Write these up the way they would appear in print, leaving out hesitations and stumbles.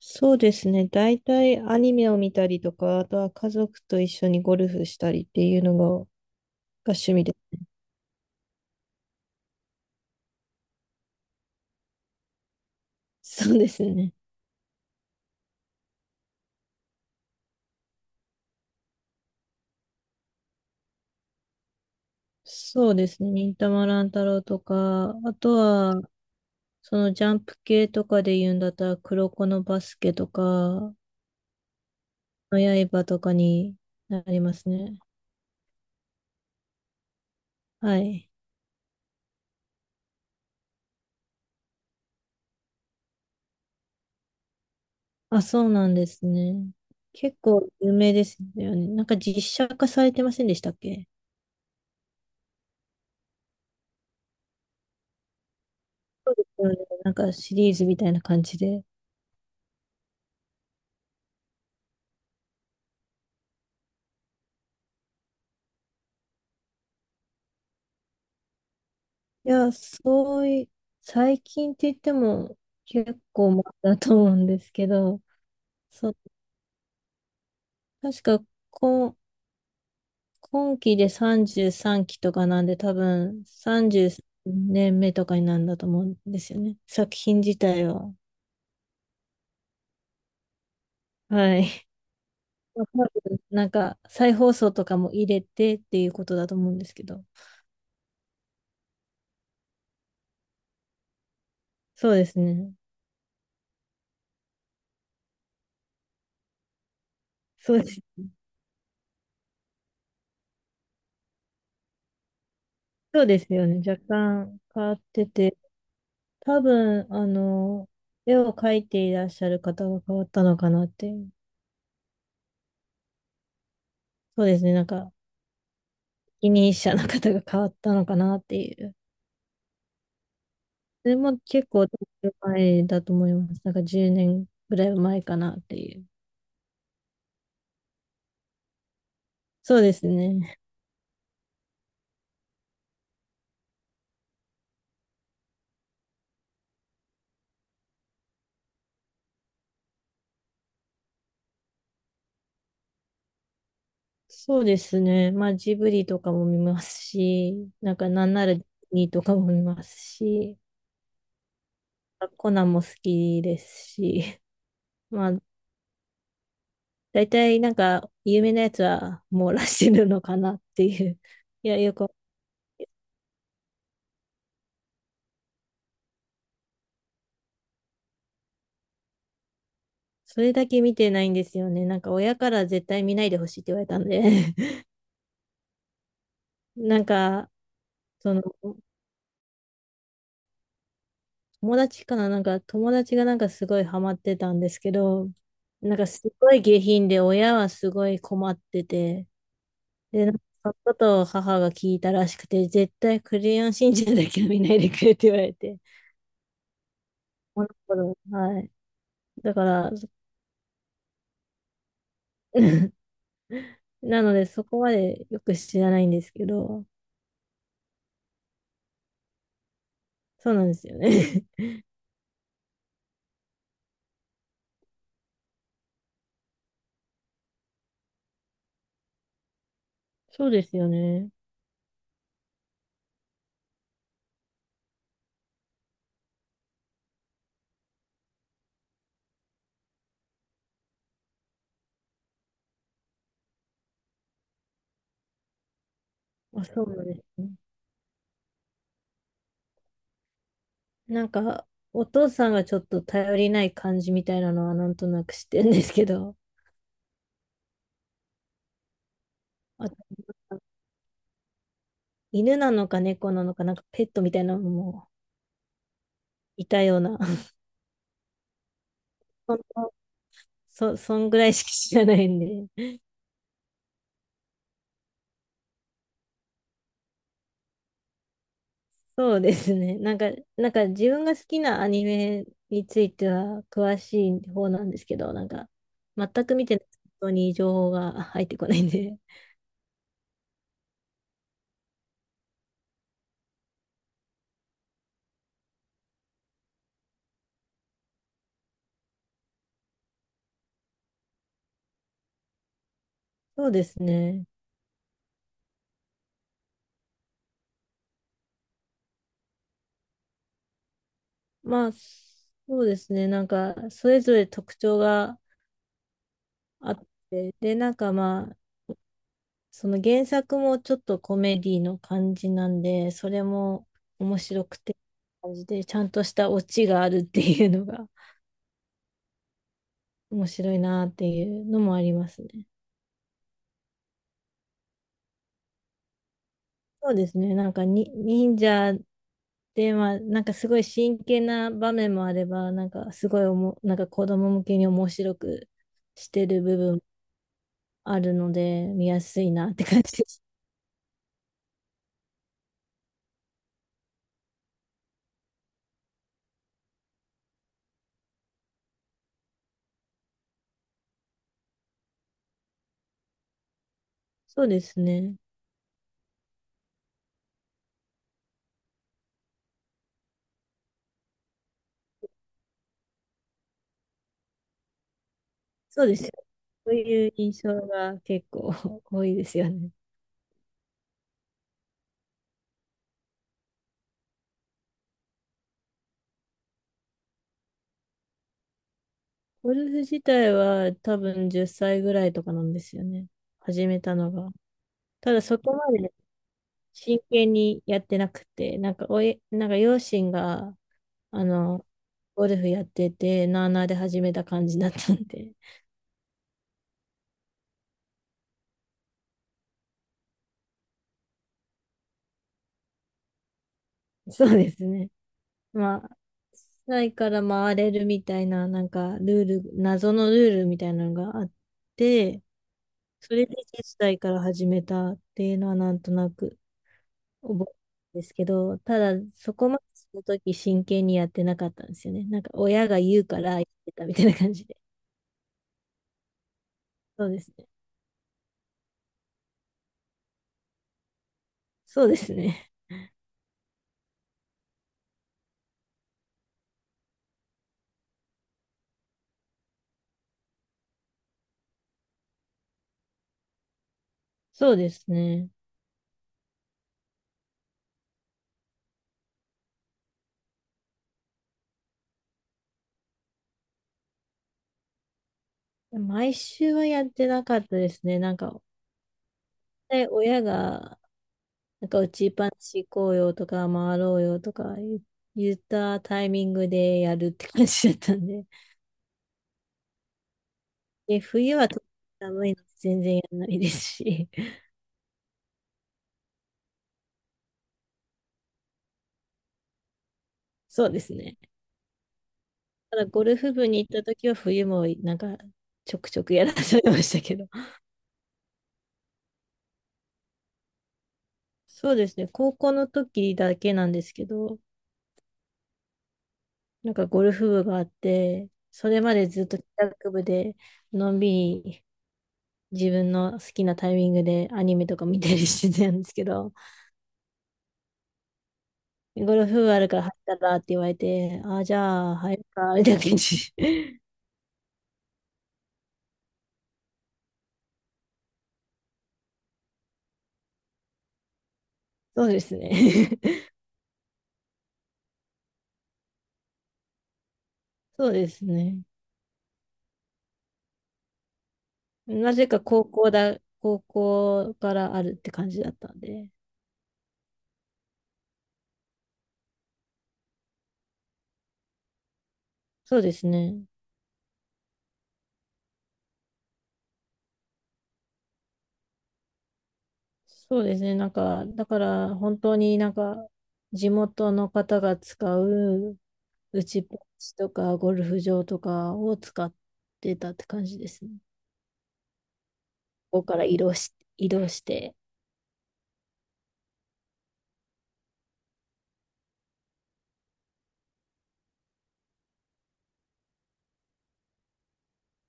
そうですね。大体アニメを見たりとか、あとは家族と一緒にゴルフしたりっていうのが趣味です。そうですね。そうですね。忍たま乱太郎とか、あとは、そのジャンプ系とかで言うんだったら、黒子のバスケとか、の刃とかになりますね。はい。あ、そうなんですね。結構有名ですよね。なんか実写化されてませんでしたっけ？そうですよね。なんかシリーズみたいな感じで。いや、そうい、最近って言っても結構前だと思うんですけど、そう、確か今、今期で33期とかなんで多分33年目とかになるんだと思うんですよね。作品自体は。はい。まあ多分なんか再放送とかも入れてっていうことだと思うんですけど。そうですね。そうです。そうですよね。若干変わってて。多分、絵を描いていらっしゃる方が変わったのかなっていう。そうですね、なんか、一人者の方が変わったのかなっていう。でも結構前だと思います。なんか10年ぐらい前かなっていう。そうですね。そうですね。まあ、ジブリとかも見ますし、なんか、なんならディズニーとかも見ますし、コナンも好きですし、まあ、大体なんか、有名なやつは網羅してるのかなっていう。いや、よくそれだけ見てないんですよね。なんか親から絶対見ないでほしいって言われたんで なんか、その、友達かななんか友達がなんかすごいハマってたんですけど、なんかすごい下品で親はすごい困ってて、で、なんかそのことを母が聞いたらしくて、絶対クレヨンしんちゃんだけは見ないでくれって言われて、この頃、はい。だから、なのでそこまでよく知らないんですけど、そうなんですよね。そうですよね。あ、そうなんですね。なんか、お父さんがちょっと頼りない感じみたいなのはなんとなく知ってるんですけど、あと、犬なのか猫なのか、なんかペットみたいなのもいたような、そんなそんぐらいしか知らないんで。そうですね。なんか自分が好きなアニメについては詳しい方なんですけど、なんか、全く見てない人に情報が入ってこないんで。そうですね。まあ、そうですね。なんか、それぞれ特徴があって、で、なんかまあ、その原作もちょっとコメディの感じなんで、それも面白くて、感じで、ちゃんとしたオチがあるっていうのが 面白いなっていうのもありますね。そうですね、なんかに忍者で、まあ、なんかすごい真剣な場面もあれば、なんかすごいなんか子供向けに面白くしてる部分あるので、見やすいなって感じです。そうですね。そうですよ。そういう印象が結構 多いですよね。ゴルフ自体は多分10歳ぐらいとかなんですよね。始めたのが。ただそこまで真剣にやってなくて、なんかなんか両親が、あの、ゴルフやってて、なあなあで始めた感じだったんで。そうですね。まあ、歳から回れるみたいな、なんかルール、謎のルールみたいなのがあって、それで1さ代から始めたっていうのはなんとなく覚えてるんですけど、ただそこまでその時真剣にやってなかったんですよね。なんか親が言うからやってたみたいな感じで。そうですね。そうですね。そうですね。毎週はやってなかったですね。なんか、で親が、なんか打ちっぱなし行こうよとか回ろうよとか言ったタイミングでやるって感じだったんで。で、冬は特に寒いので全然やらないですし。そうですね。ただゴルフ部に行った時は冬もなんかちょくちょくやらされましたけど。そうですね。高校の時だけなんですけど、なんかゴルフ部があって、それまでずっと帰宅部でのんびり自分の好きなタイミングでアニメとか見たりしてたんですけど、ゴルフ部あるから入ったらって言われて、ああ、じゃあ入るか、みたいな感じ。そうですね。そうですね。なぜか高校からあるって感じだったんで。そうですね。そうですね。なんか、だから本当になんか、地元の方が使う打ちっぱなしとかゴルフ場とかを使ってたって感じですね。ここから移動して。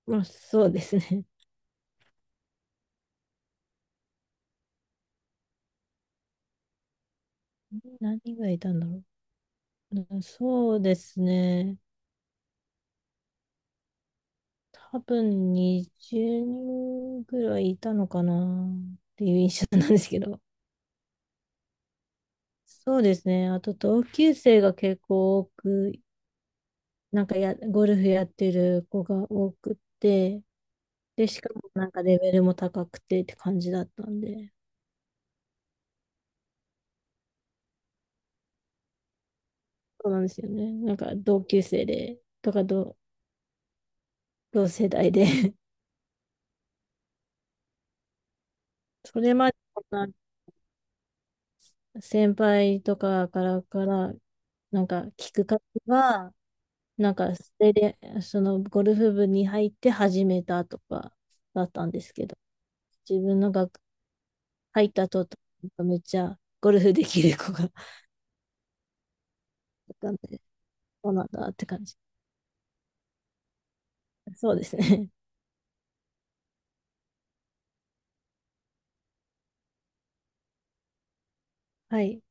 まあそうですね。何がいたんだろう。うんそうですね。多分20人ぐらいいたのかなっていう印象なんですけど。そうですね。あと同級生が結構多くなんかや、ゴルフやってる子が多くって、で、しかもなんかレベルも高くてって感じだったんで、そうなんですよね。なんか同級生で、とか同世代で それまでそんな先輩とかから、なんか聞く方が、なんかそれで、そのゴルフ部に入って始めたとかだったんですけど、自分の学、入ったとめっちゃゴルフできる子が いたんで、そうなんだって感じ。そうですね。はい。